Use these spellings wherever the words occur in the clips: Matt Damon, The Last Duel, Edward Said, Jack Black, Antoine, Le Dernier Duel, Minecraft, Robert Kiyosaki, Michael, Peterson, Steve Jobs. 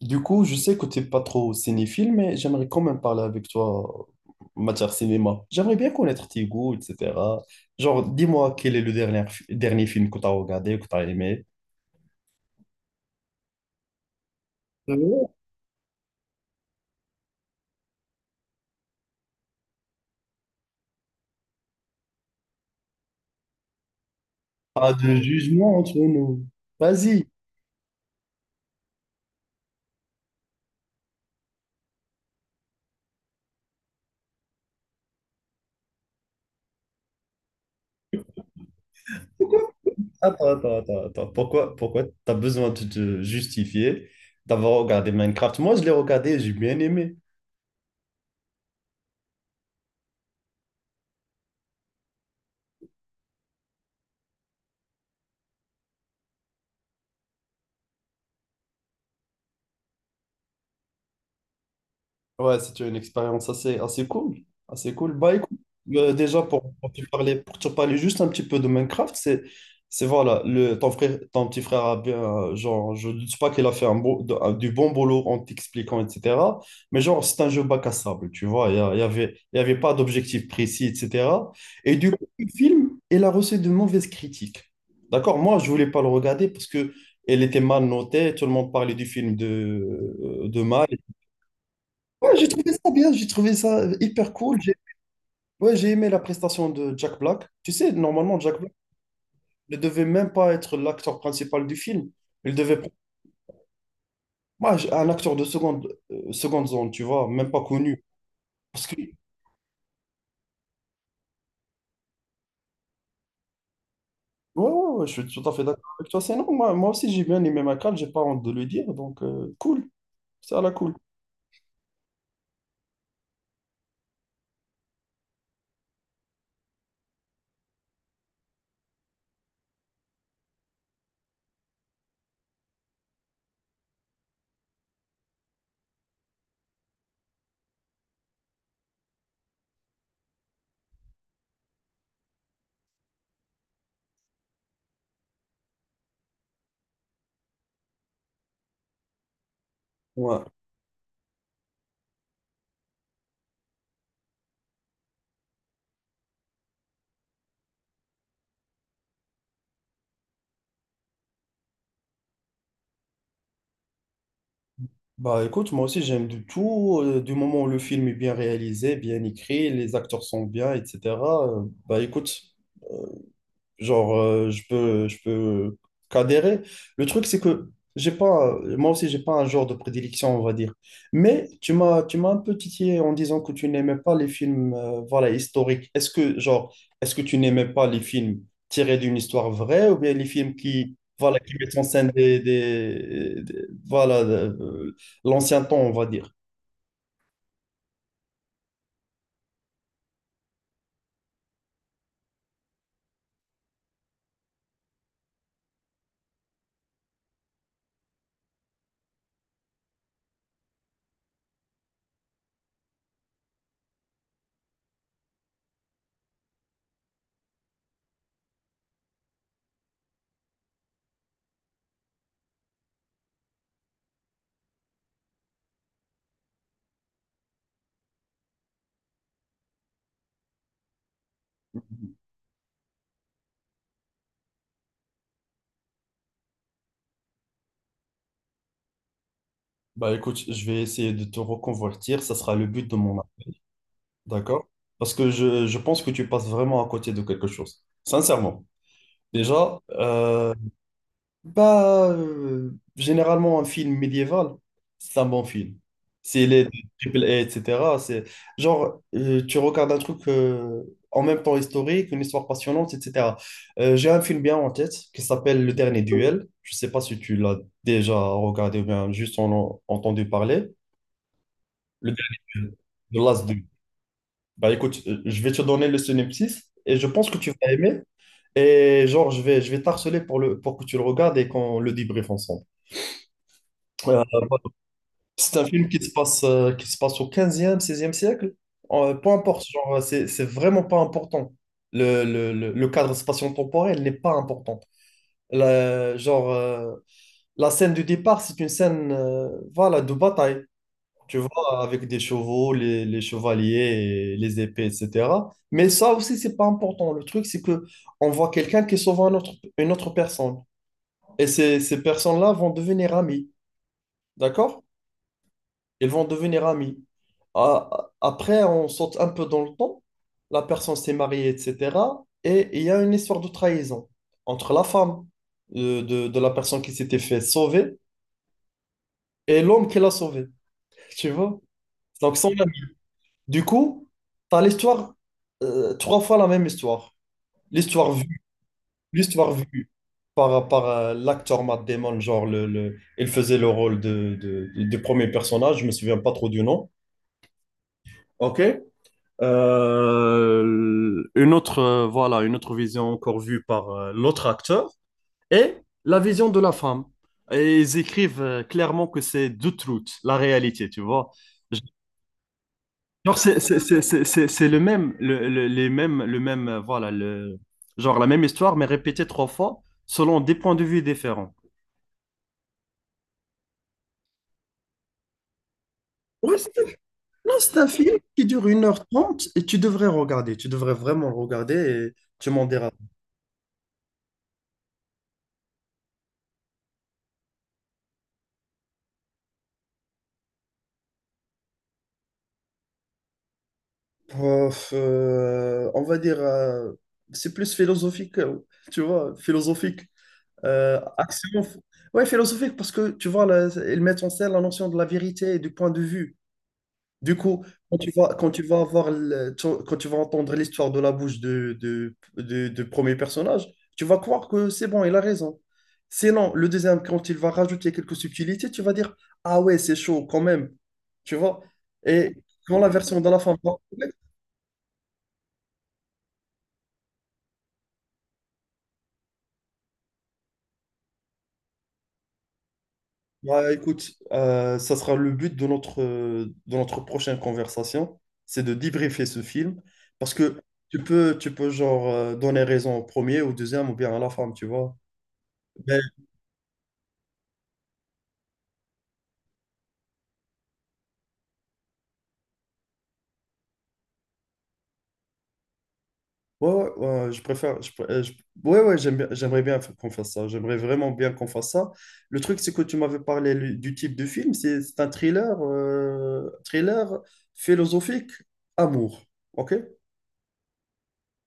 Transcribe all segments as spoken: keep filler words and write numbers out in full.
Du coup, je sais que t'es pas trop cinéphile, mais j'aimerais quand même parler avec toi en matière cinéma. J'aimerais bien connaître tes goûts, et cetera. Genre, dis-moi quel est le dernier, fi- dernier film que t'as regardé, que t'as aimé. Oh. Pas de jugement entre nous. Vas-y. Attends, attends, attends, attends. Pourquoi, pourquoi t'as besoin de te justifier d'avoir regardé Minecraft? Moi, je l'ai regardé et j'ai bien aimé. Ouais, c'était une expérience assez, assez cool. Assez cool. Bah écoute, euh, déjà pour, pour te parler, pour te parler juste un petit peu de Minecraft, c'est, c'est voilà, le, ton frère, ton petit frère a bien, euh, genre, je ne dis pas qu'il a fait un beau, de- un- du bon boulot en t'expliquant, et cetera. Mais genre, c'est un jeu bac à sable, tu vois, il y, a- il y avait, il y avait pas d'objectif précis, et cetera. Et du coup, le film, il a reçu de mauvaises critiques. D'accord? Moi, je voulais pas le regarder parce que elle était mal notée, tout le monde parlait du film de, euh, de mal. Ouais, j'ai trouvé ça bien, j'ai trouvé ça hyper cool. J'ai ouais, j'ai aimé la prestation de Jack Black. Tu sais, normalement, Jack Black ne devait même pas être l'acteur principal du film. Il devait être un acteur de seconde, euh, seconde zone, tu vois, même pas connu. Parce que, ouais, ouais, ouais, Je suis tout à fait d'accord avec toi. C'est non, moi, moi aussi, j'ai bien aimé Michael, j'ai pas honte de le dire. Donc, euh, cool, ça la cool. Ouais. Bah écoute, moi aussi j'aime du tout. Euh, du moment où le film est bien réalisé, bien écrit, les acteurs sont bien, et cetera euh, Bah écoute. Genre, euh, je peux, je peux euh, qu'adhérer. Le truc, c'est que j'ai pas, moi aussi, j'ai pas un genre de prédilection, on va dire. Mais tu m'as, tu m'as un peu titillé en disant que tu n'aimais pas les films, euh, voilà, historiques. Est-ce que, genre, est-ce que tu n'aimais pas les films tirés d'une histoire vraie ou bien les films qui, voilà, qui mettent en scène des, des- des- voilà, euh, l'ancien temps, on va dire. Bah écoute, je vais essayer de te reconvertir, ça sera le but de mon. D'accord? Parce que je, je pense que tu passes vraiment à côté de quelque chose. Sincèrement. Déjà, euh, bah, euh, généralement, un film médiéval, c'est un bon film. S'il est de triple A, et cetera, c'est genre, euh, tu regardes un truc euh, en même temps historique, une histoire passionnante, et cetera. Euh, j'ai un film bien en tête qui s'appelle Le Dernier Duel. Je ne sais pas si tu l'as déjà regardé ou bien juste en, en entendu parler. Le Dernier Duel, The Last Duel. Bah écoute, euh, je vais te donner le synopsis et je pense que tu vas aimer. Et genre, je vais, je vais t'harceler pour le, pour que tu le regardes et qu'on le débriefe ensemble. Euh, voilà. C'est un film qui se passe, euh, qui se passe au quinzième, seizième siècle. Euh, peu importe, genre, c'est, c'est vraiment pas important. Le, le, le, le cadre spatio-temporel n'est pas important. La, genre, euh, la scène du départ, c'est une scène euh, voilà, de bataille. Tu vois, avec des chevaux, les, les chevaliers, et les épées, et cetera. Mais ça aussi, c'est pas important. Le truc, c'est que on voit quelqu'un qui sauve un autre- une autre personne. Et ces, ces personnes-là vont devenir amies, d'accord? Ils vont devenir amies. A- Après, on saute un peu dans le temps. La personne s'est mariée, et cetera. Et il y a une histoire de trahison entre la femme euh, de, de la personne qui s'était fait sauver et l'homme qui l'a sauvée, tu vois? Donc, sans. Du coup, tu as l'histoire, euh, trois fois la même histoire. L'histoire vue, L'histoire vue par, par euh, l'acteur Matt Damon, genre, le, le- il faisait le rôle de, de- du premier personnage, je me souviens pas trop du nom. OK. Euh, une autre, euh, voilà, une autre vision encore vue par euh, l'autre acteur et la vision de la femme. Et ils écrivent euh, clairement que c'est the truth, la réalité, tu vois. Genre, c'est c'est- c'est- c'est- c'est- c'est le même, le, le- les mêmes, le même, euh, voilà, le, genre la même histoire, mais répétée trois fois selon des points de vue différents. Ouais, c'est non, c'est un film qui dure une heure trente et tu devrais regarder. Tu devrais vraiment le regarder et tu m'en diras. Euh, euh, on va dire, euh, c'est plus philosophique, euh, tu vois, philosophique. Euh, action. Ouais, philosophique parce que, tu vois, là, ils mettent en scène la notion de la vérité et du point de vue. Du coup, quand tu vas, quand tu vas avoir le- tu- quand tu vas entendre l'histoire de la bouche de, de, de- de premier personnage, tu vas croire que c'est bon, il a raison. Sinon, le deuxième, quand il va rajouter quelques subtilités, tu vas dire, ah ouais, c'est chaud quand même. Tu vois? Et quand la version de la fin va apparaître, bah, écoute, euh, ça sera le but de notre, euh, de notre prochaine conversation, c'est de débriefer ce film. Parce que tu peux, tu peux genre, euh, donner raison au premier, au deuxième ou bien à la femme, tu vois? Ben. Ouais, ouais, ouais, je préfère. Je, pr- euh, je- ouais, ouais, j'aime bien- j'aimerais bien f- qu'on fasse ça. J'aimerais vraiment bien qu'on fasse ça. Le truc, c'est que tu m'avais parlé lu- du type de film. C'est c'est un thriller, euh, thriller philosophique, amour. OK?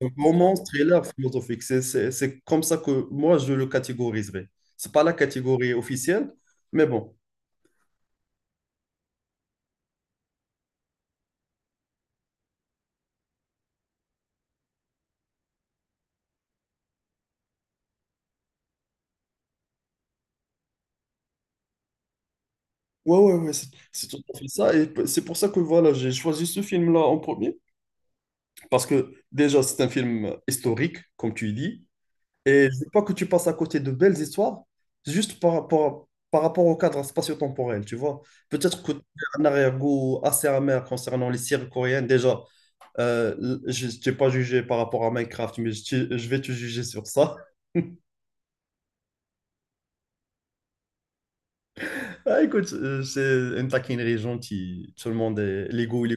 Donc, romance, thriller philosophique. C'est c'est- c'est comme ça que moi, je le catégoriserais. C'est pas la catégorie officielle, mais bon. Ouais, ouais, ouais, c'est c'est tout à fait ça. Et p- c'est pour ça que voilà, j'ai choisi ce film-là en premier. Parce que déjà, c'est un film historique, comme tu dis. Et je ne dis pas que tu passes à côté de belles histoires, juste par rapport, par rapport au cadre spatio-temporel, tu vois. Peut-être que tu as un arrière-goût assez amer concernant les séries coréennes. Déjà, euh, l- je ne t'ai pas jugé par rapport à Minecraft, mais je, te- je vais te juger sur ça. Ah, écoute, euh, c'est une taquinerie gentille. Tout le monde est les goûts. Les-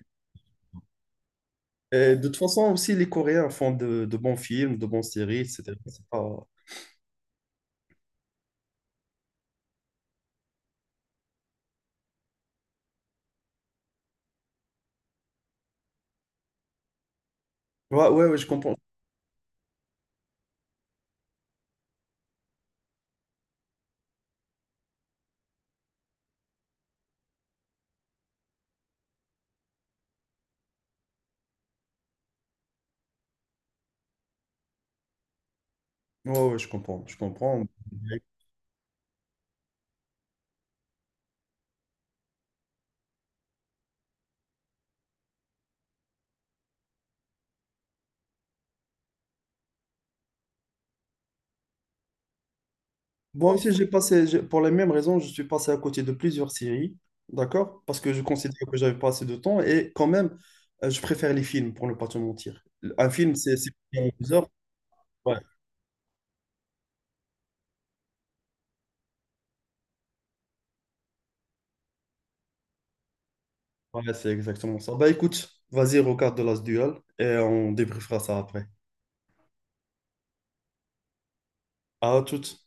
Et de toute façon, aussi, les Coréens font de, de bons films, de bonnes séries, et cetera. C'est pas... Ouais, ouais, ouais, je comprends. Ouais, ouais, je comprends, je comprends. Moi aussi, j'ai passé, j'ai- pour les mêmes raisons, je suis passé à côté de plusieurs séries, d'accord? Parce que je considère que j'avais pas assez de temps et quand même, euh, je préfère les films, pour ne pas te mentir. Un film, c'est c'est deux heures. Ouais, ouais, c'est exactement ça. Bah écoute, vas-y, regarde The Last Duel et on débriefera ça après. À toutes.